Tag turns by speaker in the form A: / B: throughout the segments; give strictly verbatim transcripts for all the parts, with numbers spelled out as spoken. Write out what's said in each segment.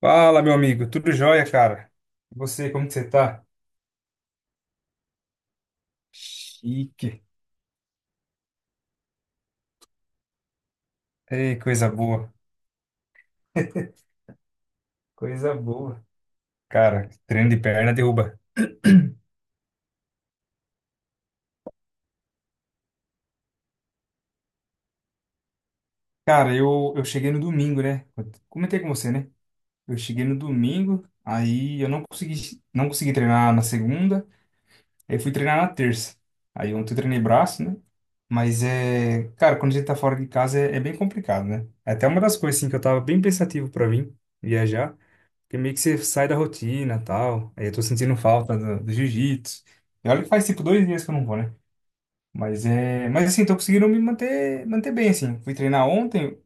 A: Fala, meu amigo. Tudo jóia, cara? E você, como que você tá? Chique. Ei, coisa boa. Coisa boa. Cara, treino de perna derruba. Cara, eu, eu cheguei no domingo, né? Eu comentei com você, né? Eu cheguei no domingo, aí eu não consegui, não consegui treinar na segunda, aí fui treinar na terça. Aí ontem eu treinei braço, né? Mas é, cara, quando a gente tá fora de casa é, é bem complicado, né? É até uma das coisas, assim, que eu tava bem pensativo pra vir viajar. Porque meio que você sai da rotina e tal. Aí eu tô sentindo falta do, do jiu-jitsu. E olha que faz tipo dois dias que eu não vou, né? Mas é. Mas assim, tô conseguindo me manter, manter bem, assim. Fui treinar ontem.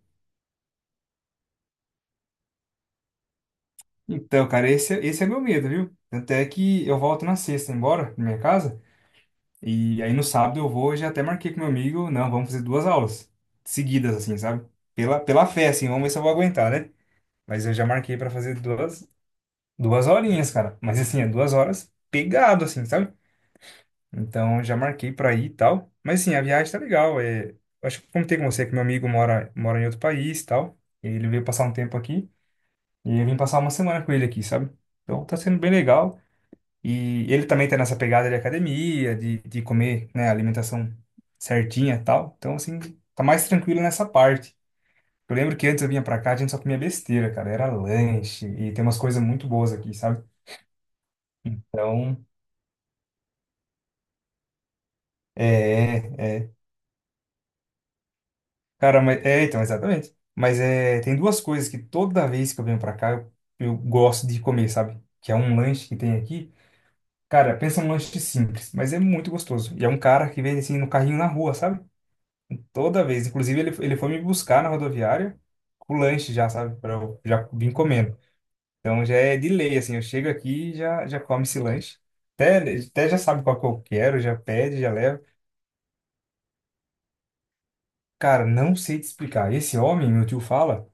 A: Então, cara, esse, esse é meu medo, viu? Tanto é que eu volto na sexta embora, na minha casa. E aí no sábado eu vou, eu já até marquei com meu amigo. Não, vamos fazer duas aulas seguidas, assim, sabe? Pela, pela fé, assim, vamos ver se eu vou aguentar, né? Mas eu já marquei pra fazer duas, duas horinhas, cara. Mas assim, é duas horas pegado, assim, sabe? Então já marquei pra ir e tal. Mas sim, a viagem tá legal. É, acho que eu comentei com você que meu amigo mora, mora em outro país e tal. Ele veio passar um tempo aqui e eu vim passar uma semana com ele aqui, sabe? Então tá sendo bem legal. E ele também tá nessa pegada de academia, de, de comer, né, alimentação certinha e tal. Então, assim, tá mais tranquilo nessa parte. Eu lembro que antes eu vinha pra cá, a gente só comia besteira, cara. Era lanche e tem umas coisas muito boas aqui, sabe? Então, é, é. é. Cara, mas, é, então, exatamente. Mas é, tem duas coisas que toda vez que eu venho pra cá, eu, eu gosto de comer, sabe? Que é um lanche que tem aqui. Cara, pensa num lanche simples, mas é muito gostoso. E é um cara que vem assim no carrinho na rua, sabe? Toda vez. Inclusive, ele, ele foi me buscar na rodoviária com o lanche já, sabe? Pra eu já vim comendo. Então já é de lei, assim. Eu chego aqui e já, já come esse lanche. Até, até já sabe qual que eu quero, já pede, já leva. Cara, não sei te explicar. Esse homem, meu tio fala,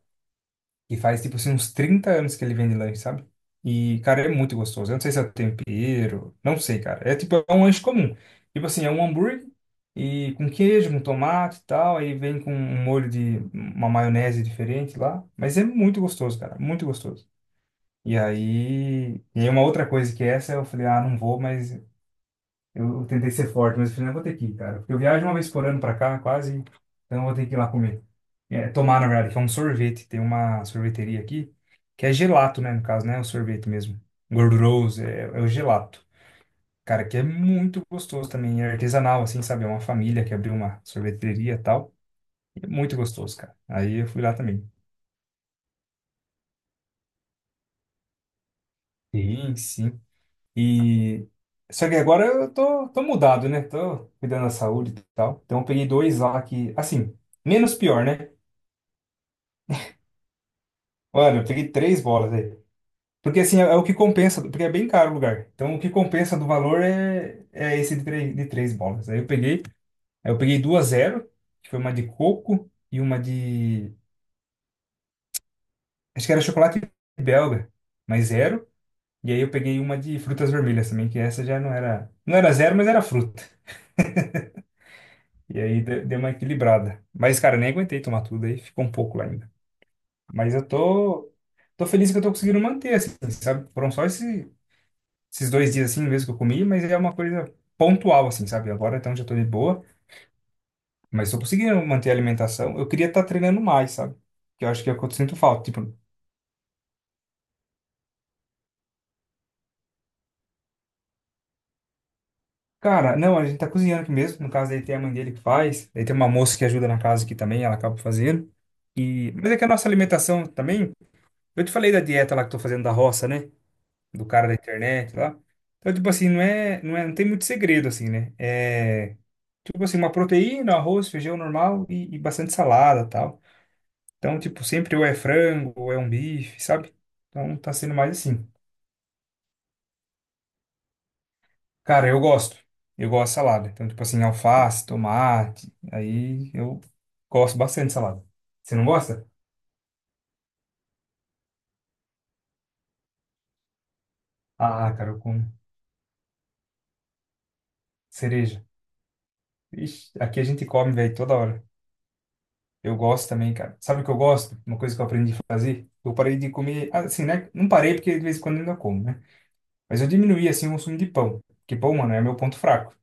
A: que faz tipo assim uns trinta anos que ele vende lanche, sabe? E, cara, é muito gostoso. Eu não sei se é tempero, não sei, cara. É tipo, é um lanche comum. Tipo assim, é um hambúrguer e com queijo, com tomate e tal, aí vem com um molho de uma maionese diferente lá, mas é muito gostoso, cara, muito gostoso. E aí, e aí uma outra coisa que essa eu falei, ah, não vou, mas eu tentei ser forte, mas eu falei, não, vou ter que ir, cara. Porque eu viajo uma vez por ano pra cá, quase, então eu vou ter que ir lá comer. É, tomar, na verdade, que é um sorvete. Tem uma sorveteria aqui, que é gelato, né, no caso, né? é O sorvete mesmo. Gorduroso, é, é o gelato. Cara, que é muito gostoso também. É artesanal, assim, sabe? É uma família que abriu uma sorveteria e tal. E é muito gostoso, cara. Aí eu fui lá também. Sim, sim. E... Só que agora eu tô, tô mudado, né? Tô cuidando da saúde e tal. Então eu peguei dois lá que, assim... Menos pior, né? Mano, eu peguei três bolas aí. Porque assim, é, é o que compensa, porque é bem caro o lugar. Então o que compensa do valor é, é esse de três, de três bolas. Aí eu peguei, aí eu peguei duas zero, que foi uma de coco e uma de. Acho que era chocolate belga, mas zero. E aí eu peguei uma de frutas vermelhas também, que essa já não era. Não era zero, mas era fruta. E aí de- deu uma equilibrada. Mas, cara, eu nem aguentei tomar tudo aí, ficou um pouco lá ainda. Mas eu tô. Tô feliz que eu tô conseguindo manter, assim, sabe? Foram só esses esses dois dias assim mesmo que eu comi, mas é uma coisa pontual, assim, sabe? Agora então já tô de boa, mas tô conseguindo manter a alimentação. Eu queria estar treinando mais, sabe? Que eu acho que é o que eu sinto falta. Tipo, cara, não, a gente tá cozinhando aqui mesmo. No caso, aí tem a mãe dele que faz, aí tem uma moça que ajuda na casa aqui também, ela acaba fazendo. E... Mas é que a nossa alimentação também. Eu te falei da dieta lá que eu tô fazendo da roça, né? Do cara da internet lá. Então, tipo assim, não é, não é, não tem muito segredo, assim, né? É, tipo assim, uma proteína, arroz, feijão normal e, e bastante salada, tal. Então, tipo, sempre ou é frango, ou é um bife, sabe? Então, tá sendo mais assim. Cara, eu gosto. Eu gosto de salada. Então, tipo assim, alface, tomate. Aí eu gosto bastante de salada. Você não gosta? Ah, cara, eu como cereja. Ixi, aqui a gente come, velho, toda hora. Eu gosto também, cara. Sabe o que eu gosto? Uma coisa que eu aprendi a fazer? Eu parei de comer, assim, né? Não parei porque de vez em quando ainda como, né? Mas eu diminuí, assim, o consumo de pão. Porque pão, mano, é meu ponto fraco.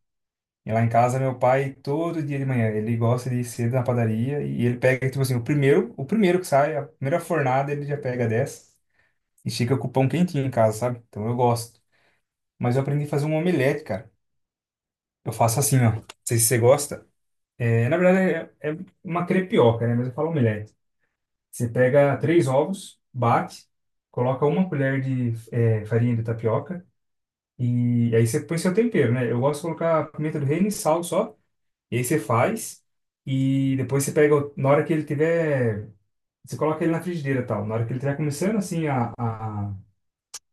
A: E lá em casa, meu pai, todo dia de manhã, ele gosta de ir cedo na padaria e ele pega, tipo assim, o primeiro, o primeiro que sai, a primeira fornada, ele já pega dessa e fica com o pão quentinho em casa, sabe? Então eu gosto. Mas eu aprendi a fazer um omelete, cara. Eu faço assim, ó. Não sei se você gosta. É, na verdade, é, é uma crepioca, né? Mas eu falo omelete. Você pega três ovos, bate, coloca uma colher de é, farinha de tapioca e aí você põe seu tempero, né? Eu gosto de colocar pimenta do reino e sal só. E aí você faz e depois você pega, o- na hora que ele tiver, você coloca ele na frigideira e tal. Na hora que ele estiver começando assim a, a,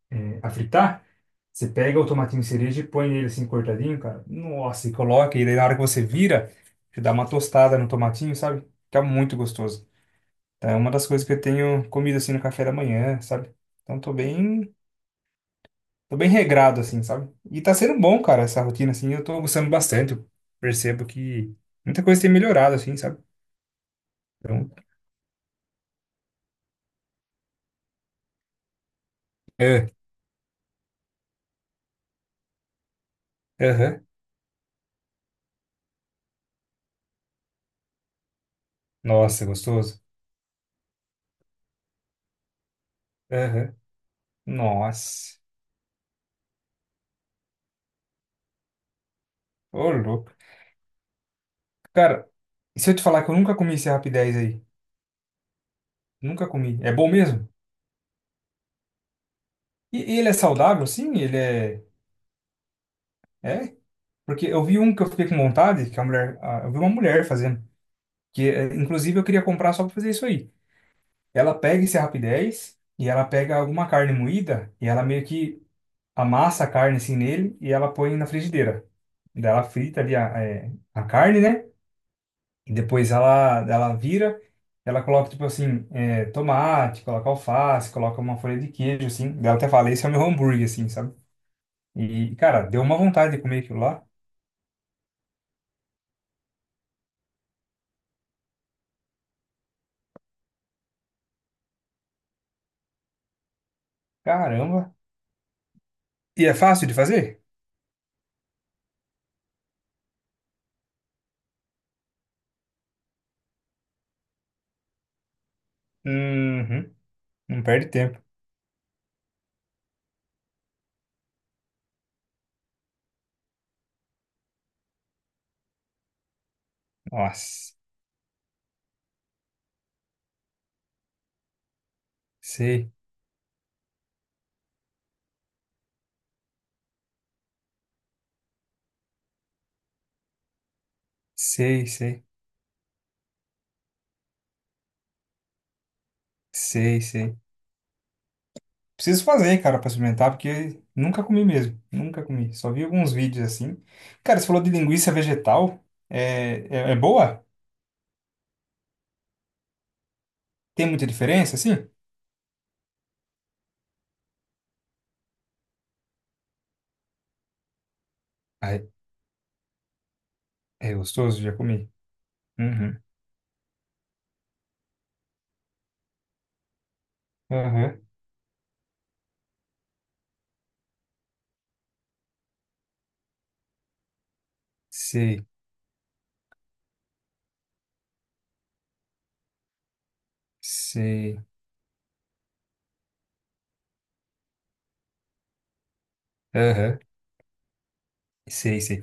A: é, a fritar, você pega o tomatinho cereja e põe ele assim cortadinho, cara. Nossa, e coloca. E daí na hora que você vira, você dá uma tostada no tomatinho, sabe? Fica muito gostoso. Tá, é uma das coisas que eu tenho comido assim no café da manhã, sabe? Então tô bem, tô bem regrado assim, sabe? E tá sendo bom, cara, essa rotina assim. Eu tô gostando bastante. Eu percebo que muita coisa tem melhorado assim, sabe? Então. É. Aham. Nossa, é gostoso. Aham. Nossa. Ô, louco. Cara, e se eu te falar que eu nunca comi esse Rap dez aí? Nunca comi. É bom mesmo? E, e ele é saudável, sim? Ele é... É? Porque eu vi um que eu fiquei com vontade, que a mulher... ah, Eu vi uma mulher fazendo. Que, eh, inclusive, eu queria comprar só pra fazer isso aí. Ela pega esse Rap dez e ela pega alguma carne moída e ela meio que amassa a carne assim nele e ela põe na frigideira. Daí ela frita ali a, eh, a carne, né? E depois ela, ela vira, ela coloca, tipo assim, é, tomate, coloca alface, coloca uma folha de queijo, assim. Daí eu até fala esse é o meu hambúrguer, assim, sabe? E, cara, deu uma vontade de comer aquilo lá. Caramba. E é fácil de fazer? Uhum. Não perde tempo. Nossa. Sei, sei, sei, sei, sei. Preciso fazer, cara, pra experimentar, porque nunca comi mesmo. Nunca comi. Só vi alguns vídeos assim. Cara, você falou de linguiça vegetal. É, é, é boa? Tem muita diferença, assim? É gostoso? Já comi. Uhum. Aham. Sei, sei. Aham. Sei, sei.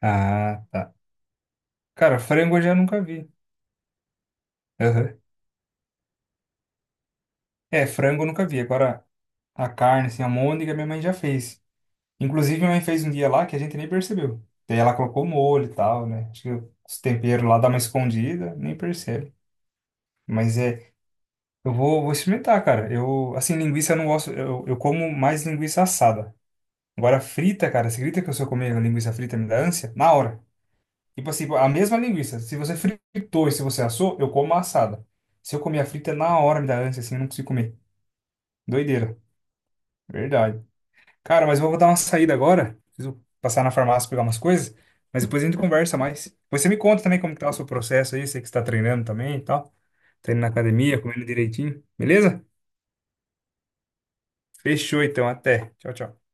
A: Ah, tá. Cara, frango eu já nunca vi. Aham. É, frango eu nunca vi. Agora, a carne, assim, a môndega, minha mãe já fez. Inclusive, minha mãe fez um dia lá que a gente nem percebeu. Daí ela colocou molho e tal, né? Acho que os temperos lá dá uma escondida, nem percebe. Mas é, eu vou, vou experimentar, cara. Eu, assim, linguiça eu não gosto, eu, eu como mais linguiça assada. Agora, frita, cara, você acredita que eu se eu comer linguiça frita me dá ânsia? Na hora. Tipo assim, a mesma linguiça. Se você fritou e se você assou, eu como a assada. Se eu comer a frita, na hora me dá ânsia, assim, eu não consigo comer. Doideira. Verdade. Cara, mas eu vou dar uma saída agora. Preciso passar na farmácia pegar umas coisas. Mas depois a gente conversa mais. Você me conta também como que tá o seu processo aí. Você que está treinando também e tal. Tá indo na academia, comendo direitinho. Beleza? Fechou então. Até. Tchau, tchau.